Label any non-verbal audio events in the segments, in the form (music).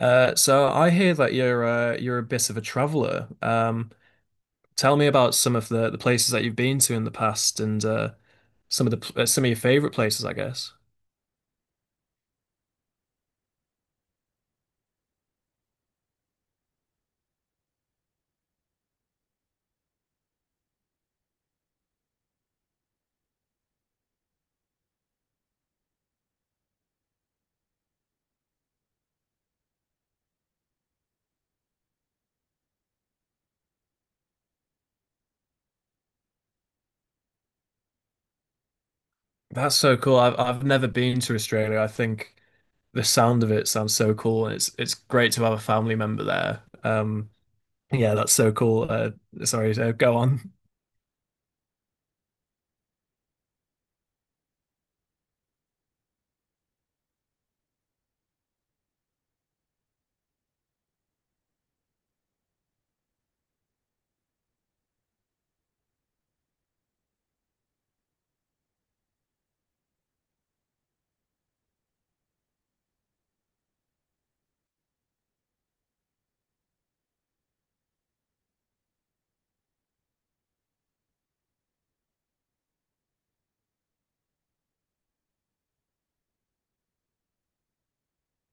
So I hear that you're a bit of a traveler. Tell me about some of the places that you've been to in the past and some of the some of your favorite places, I guess. That's so cool. I've never been to Australia. I think the sound of it sounds so cool, and it's great to have a family member there. Yeah, that's so cool. Sorry, go on.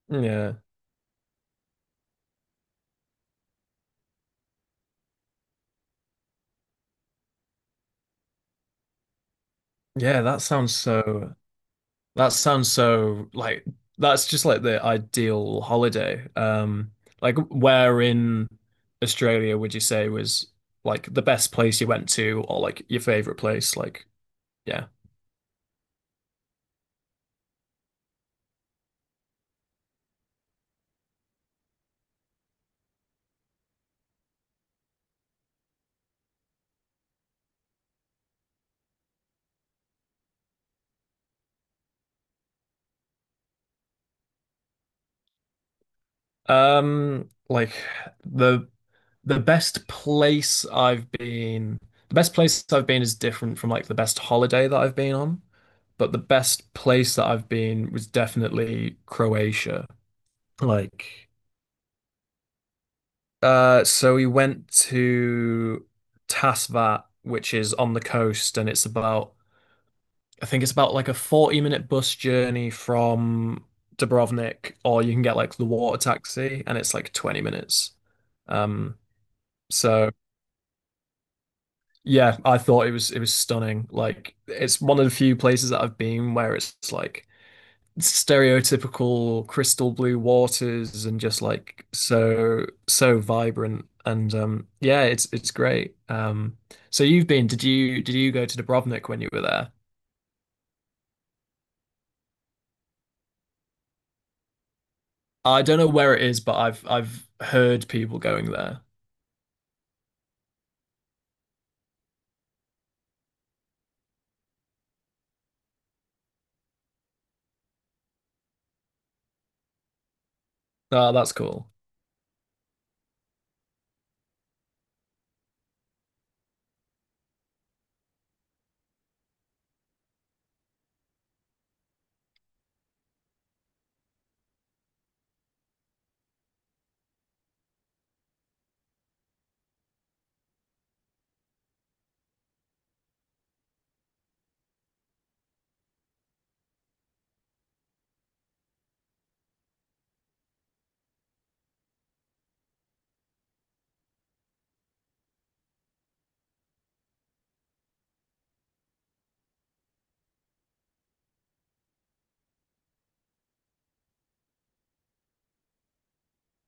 Yeah, yeah, that sounds so. That sounds so like that's just like the ideal holiday. Like where in Australia would you say was like the best place you went to or like your favorite place? Like, yeah. Like the the best place I've been, the best place I've been is different from like the best holiday that I've been on, but the best place that I've been was definitely Croatia. Like uh, so we went to Tasvat, which is on the coast, and it's about, I think it's about like a 40-minute bus journey from Dubrovnik, or you can get like the water taxi, and it's like 20 minutes. Um, so yeah, I thought it was stunning. Like it's one of the few places that I've been where it's like stereotypical crystal blue waters and just like so vibrant and yeah it's great. So you've been, did you go to Dubrovnik when you were there? I don't know where it is, but I've heard people going there. Oh, that's cool.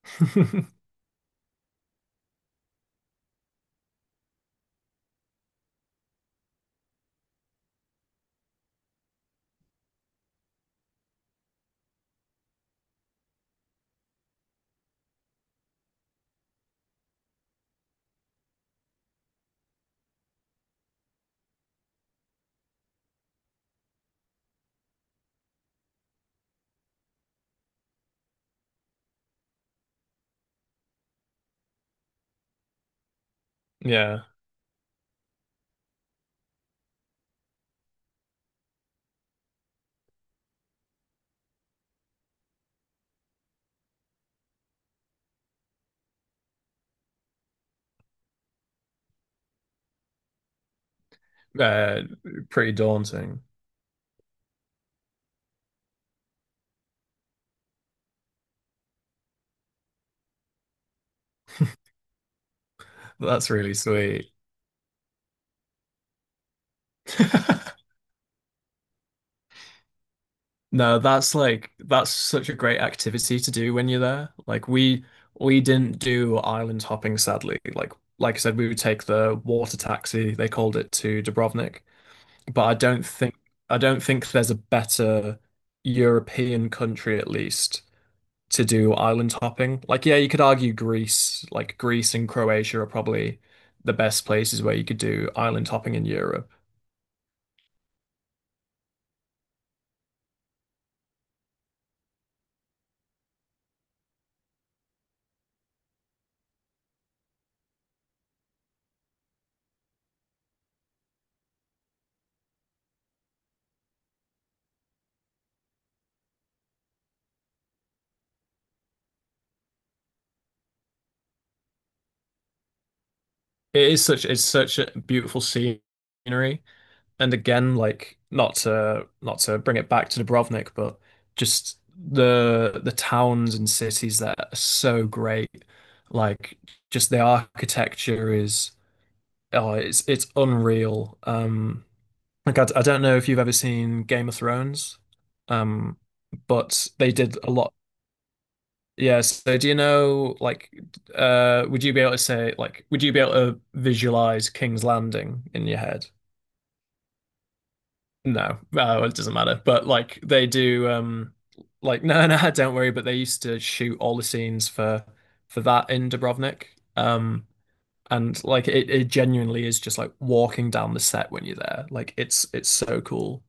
(laughs) Yeah, uh, pretty daunting. That's really sweet. (laughs) No, that's like that's such a great activity to do when you're there. Like we didn't do island hopping, sadly. Like I said, we would take the water taxi, they called it, to Dubrovnik. But I don't think there's a better European country, at least to do island hopping. Like yeah, you could argue Greece, like Greece and Croatia are probably the best places where you could do island hopping in Europe. It is such it's such a beautiful scenery. And again, like not to bring it back to Dubrovnik, but just the towns and cities that are so great, like just the architecture is oh, it's unreal. Like I don't know if you've ever seen Game of Thrones, um, but they did a lot. Yeah, so do you know like would you be able to say like would you be able to visualize King's Landing in your head? No, well, it doesn't matter. But like they do, like (laughs) No, no, don't worry. But they used to shoot all the scenes for that in Dubrovnik, um, and like it genuinely is just like walking down the set when you're there. Like it's so cool.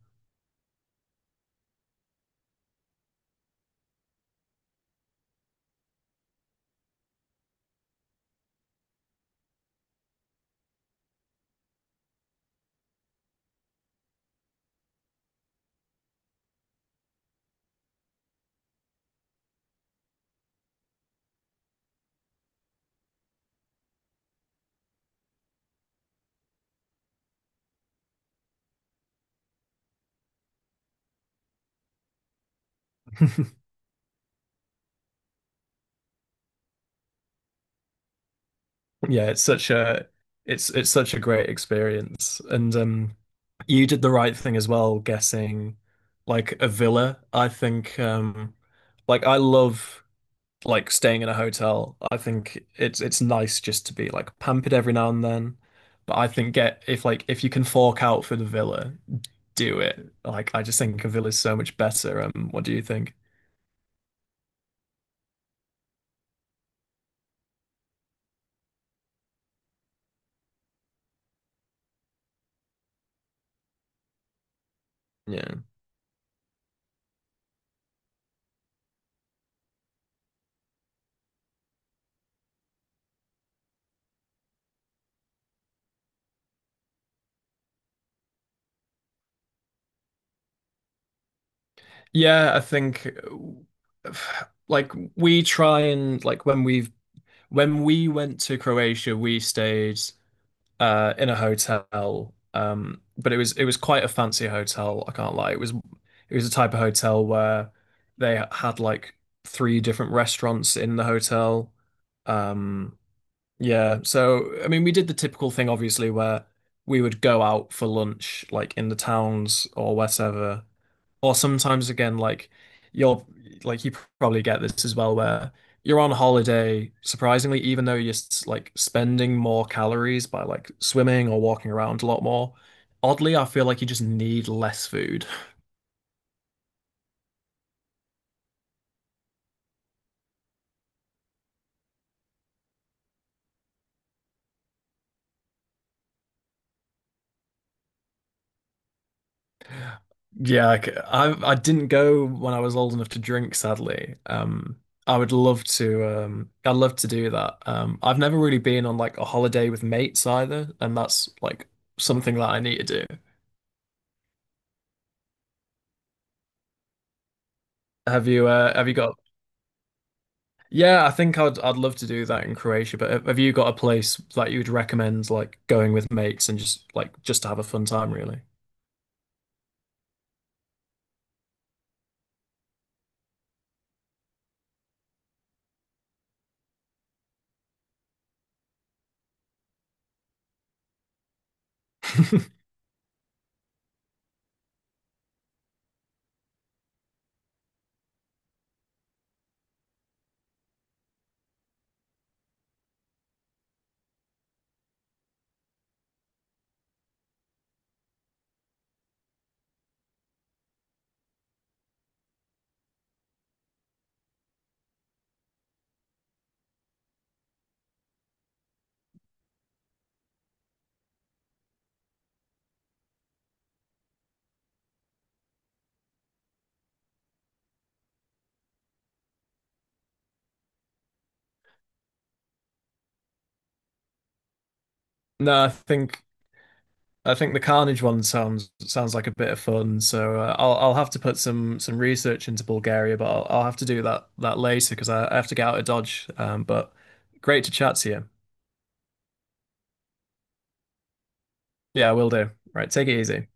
(laughs) Yeah, it's such a it's such a great experience, and you did the right thing as well, guessing like a villa. I think like I love. Like staying in a hotel. I think it's nice just to be like pampered every now and then. But I think get if like if you can fork out for the villa, do it. Like I just think a villa is so much better. What do you think? Yeah. Yeah, I think uh, like we try and like when we've when we went to Croatia, we stayed in a hotel. But it was quite a fancy hotel. I can't lie. It was a type of hotel where they had like three different restaurants in the hotel. Um, yeah. So, I mean, we did the typical thing, obviously, where we would go out for lunch, like in the towns or whatever. Or sometimes, again, like you're like, you probably get this as well, where you're on holiday, surprisingly, even though you're like spending more calories by like swimming or walking around a lot more. Oddly, I feel like you just need less food. Yeah, I didn't go when I was old enough to drink, sadly. I would love to. I'd love to do that. I've never really been on like a holiday with mates either, and that's like something that I need to do. Have you? Have you got? Yeah, I think I'd love to do that in Croatia. But have you got a place that you would recommend like going with mates and just like just to have a fun time, really? (laughs) No, I think. I think the Carnage one sounds like a bit of fun. So I'll have to put some research into Bulgaria, but I'll have to do that later because I have to get out of Dodge. But great to chat to you. Yeah, I will do. Right, take it easy.